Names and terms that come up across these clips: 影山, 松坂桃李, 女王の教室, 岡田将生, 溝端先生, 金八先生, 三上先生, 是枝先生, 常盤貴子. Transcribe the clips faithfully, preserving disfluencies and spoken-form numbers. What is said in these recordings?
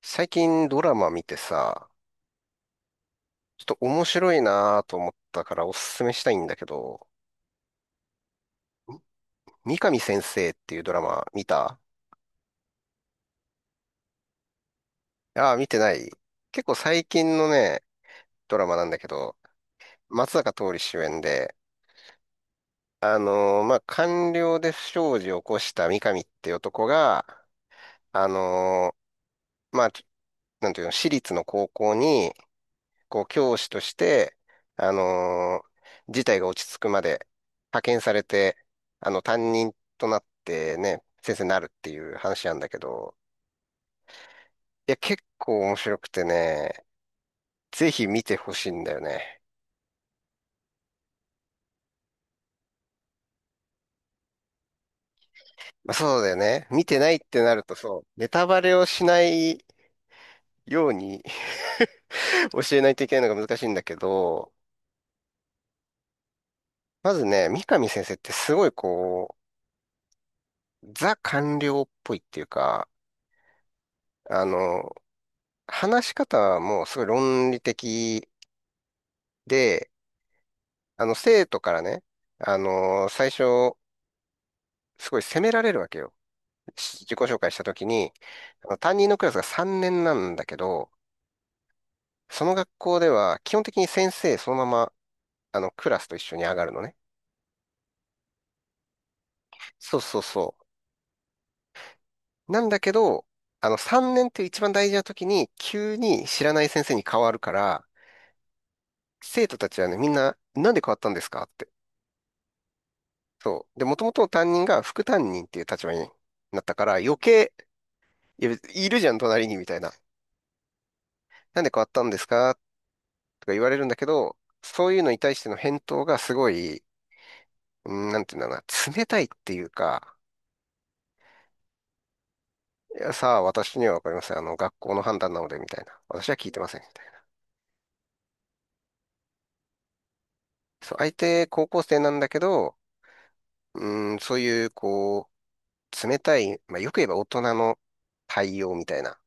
最近ドラマ見てさ、ちょっと面白いなと思ったからおすすめしたいんだけど、三上先生っていうドラマ見た？ああー、見てない。結構最近のね、ドラマなんだけど、松坂桃李主演で、あのーまあ、官僚で不祥事を起こした三上っていう男が、あのーまあ、ちょなんていうの、私立の高校にこう、教師として、あのー事態が落ち着くまで派遣されて、あの、担任となってね、先生になるっていう話なんだけど、いや、結構面白くてね、ぜひ見てほしいんだよね。まあ、そうだよね。見てないってなるとそう、ネタバレをしないように、 教えないといけないのが難しいんだけど、まずね、三上先生ってすごいこう、ザ官僚っぽいっていうか、あの、話し方はもうすごい論理的で、あの、生徒からね、あのー最初、すごい責められるわけよ。し自己紹介したときに、あの担任のクラスがさんねんなんだけど、その学校では基本的に先生そのまま、あの、クラスと一緒に上がるのね。そうそうそう。なんだけど、あの、さんねんっていう一番大事な時に、急に知らない先生に変わるから、生徒たちはね、みんな、なんで変わったんですかって。そう。で、もともと担任が副担任っていう立場になったから、余計、いや、いるじゃん、隣に、みたいな。なんで変わったんですかとか言われるんだけど、そういうのに対しての返答がすごい、うん、なんていうんだろうな、冷たいっていうか、いや、さあ、私にはわかりません。あの、学校の判断なので、みたいな。私は聞いてません。そう、相手、高校生なんだけど、うん、そういう、こう、冷たい、まあ、よく言えば大人の対応みたいな。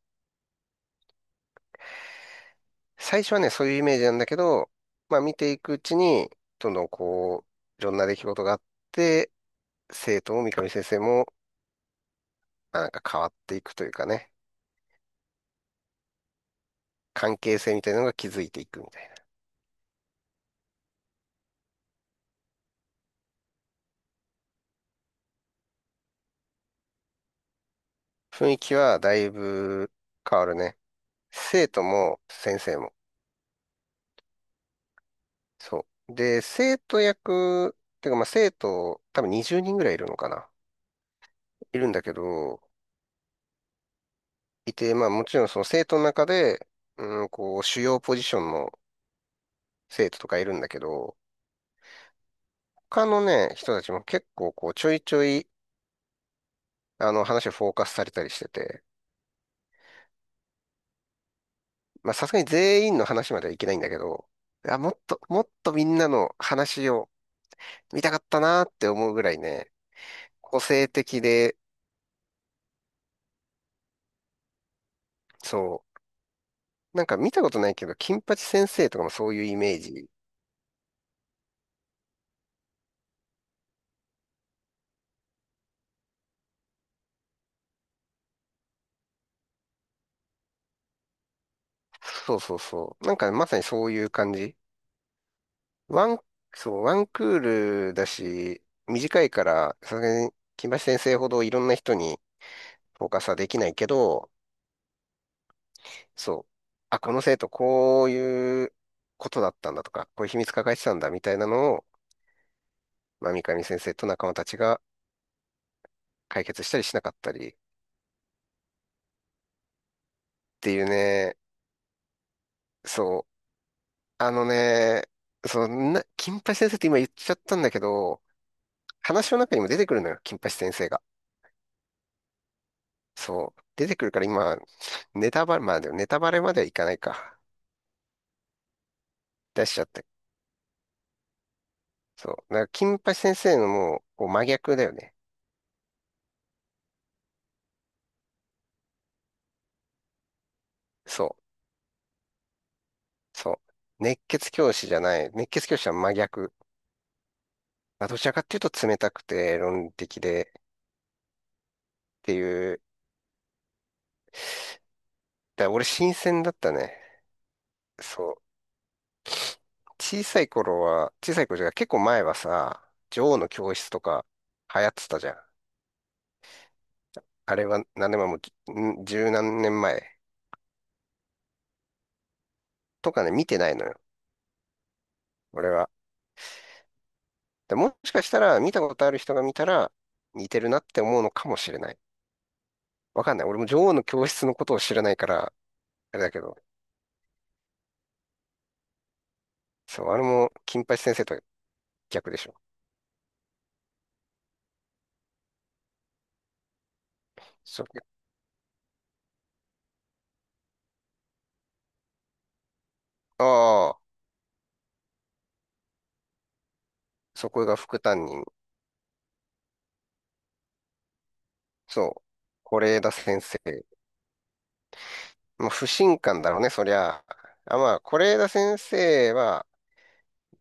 最初はね、そういうイメージなんだけど、まあ見ていくうちに、どんどんこう、いろんな出来事があって、生徒も三上先生も、まあなんか変わっていくというかね、関係性みたいなのが築いていくみたいな。雰囲気はだいぶ変わるね。生徒も先生も。そう。で、生徒役、てかまあ生徒、多分にじゅうにんぐらいいるのかな。いるんだけど、いて、まあもちろんその生徒の中で、うん、こう、主要ポジションの生徒とかいるんだけど、他のね、人たちも結構こう、ちょいちょい、あの、話をフォーカスされたりしてて、まあ、さすがに全員の話まではいけないんだけど、あ、もっと、もっとみんなの話を見たかったなって思うぐらいね、個性的で、そう、なんか見たことないけど、金八先生とかもそういうイメージ。そうそうそう。なんかまさにそういう感じ。ワン、そう、ワンクールだし、短いから、さすがに金八先生ほどいろんな人にフォーカスはできないけど、そう。あ、この生徒、こういうことだったんだとか、こういう秘密抱えてたんだみたいなのを、まあ、三上先生と仲間たちが解決したりしなかったりっていうね、そう。あのね、そんな、金八先生って今言っちゃったんだけど、話の中にも出てくるのよ、金八先生が。そう。出てくるから今、ネタバレ、まあでもネタバレまではいかないか。出しちゃって。そう。だから、金八先生のもう、こう真逆だよね。そう。そう。熱血教師じゃない。熱血教師は真逆。まあ、どちらかっていうと冷たくて論理的でっていう。だから俺新鮮だったね。そう。小さい頃は、小さい頃じゃない結構前はさ、女王の教室とか流行ってたじゃん。あれは何年前も、ん十何年前とかね、見てないのよ。俺は。で、もしかしたら見たことある人が見たら似てるなって思うのかもしれない。わかんない。俺も女王の教室のことを知らないから、あれだけど。そう、あれも金八先生と逆でしょ。そう。ああ、そこが副担任。そう、是枝先生。まあ、不信感だろうね、そりゃ。あ、まあ、是枝先生は、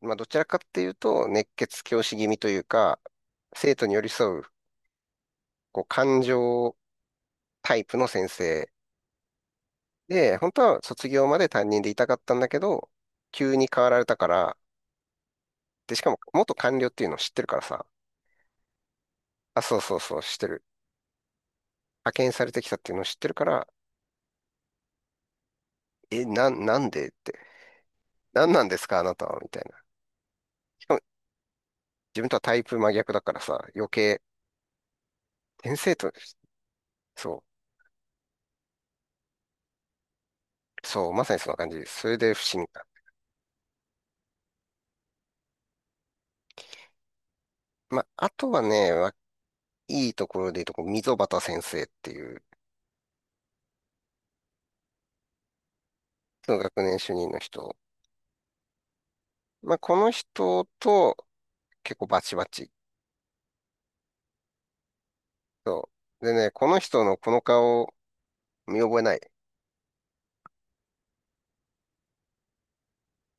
まあ、どちらかっていうと、熱血教師気味というか、生徒に寄り添う、こう、感情タイプの先生。で、本当は卒業まで担任でいたかったんだけど、急に変わられたから、で、しかも、元官僚っていうのを知ってるからさ、あ、そうそうそう、知ってる。派遣されてきたっていうのを知ってるから、え、なん、なんでって。なんなんですか、あなたは、みたいな。しかも、自分とはタイプ真逆だからさ、余計、先生と、そう、そう、まさにそんな感じです。それで不審か。まあ、あとはね、わいいところで言うと、こう溝端先生っていう、その学年主任の人。まあ、この人と結構バチバチ。そう。でね、この人のこの顔、見覚えない？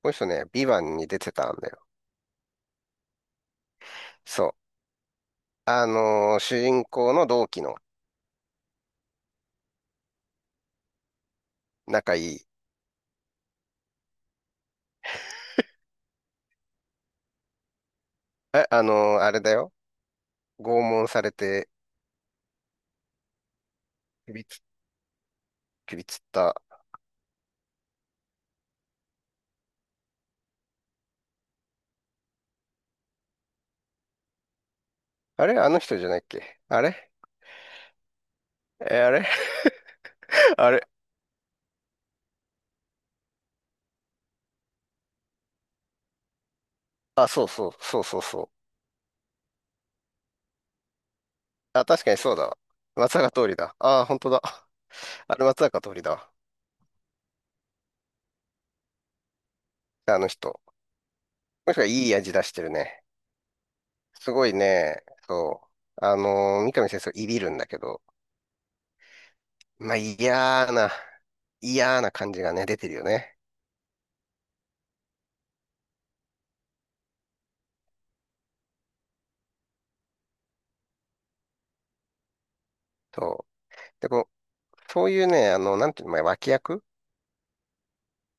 この人ね、ビバンに出てたんだよ。そう。あのー主人公の同期の仲いい。え、あのーあれだよ。拷問されて、首つ、首つった。あれあの人じゃないっけ？あれ、え、あれ、 あれ、あ、そうそう、そうそうそう。あ、確かにそうだわ。松坂通りだ。ああ、本当だ。あれ松坂通りだわ。あの人。もしかいい味出してるね。すごいね、そう。あのー三上先生、いびるんだけど、まあ、嫌な、嫌な感じがね、出てるよね。そう。で、こう、そういうね、あの、なんていうの、まあ脇役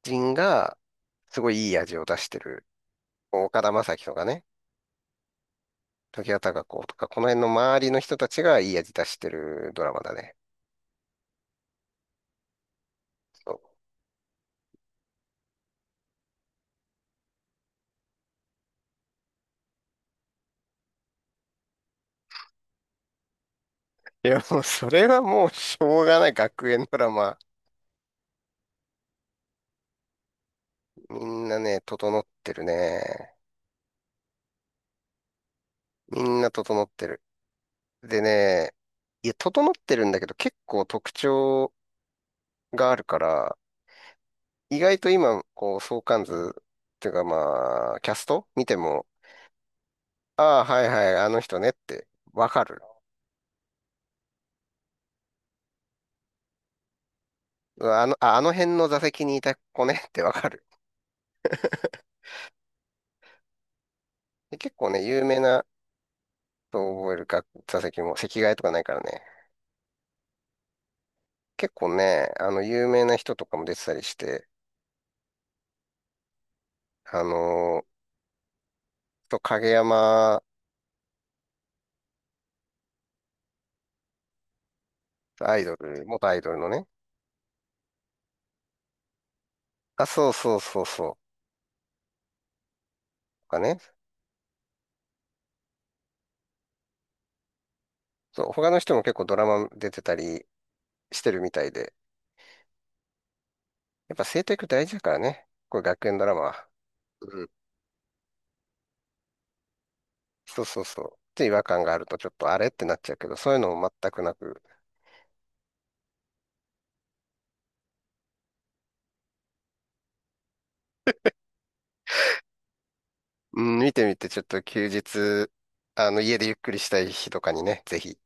人が、すごいいい味を出してる。岡田将生とかね、常盤貴子とか、この辺の周りの人たちがいい味出してるドラマだね。いや、もうそれはもうしょうがない学園ドラマ。みんなね、整ってるね。みんな整ってる。でね、いや、整ってるんだけど結構特徴があるから、意外と今、こう、相関図っていうかまあ、キャスト見ても、ああ、はいはい、あの人ねってわかる。うわ、あの、ああの辺の座席にいた子ねってわかる。で結構ね、有名なと覚えるか、座席も席替えとかないからね。結構ね、あの、有名な人とかも出てたりして、あのー、と、影山、アイドル、元アイドルのね。あ、そうそうそうそう。とかね。そう、他の人も結構ドラマ出てたりしてるみたいで。やっぱ生徒役大事だからね。これ学園ドラマは。うん。そうそうそう。って違和感があるとちょっとあれってなっちゃうけど、そういうのも全くなく。うん、見てみてちょっと休日、あの、家でゆっくりしたい日とかにね、ぜひ。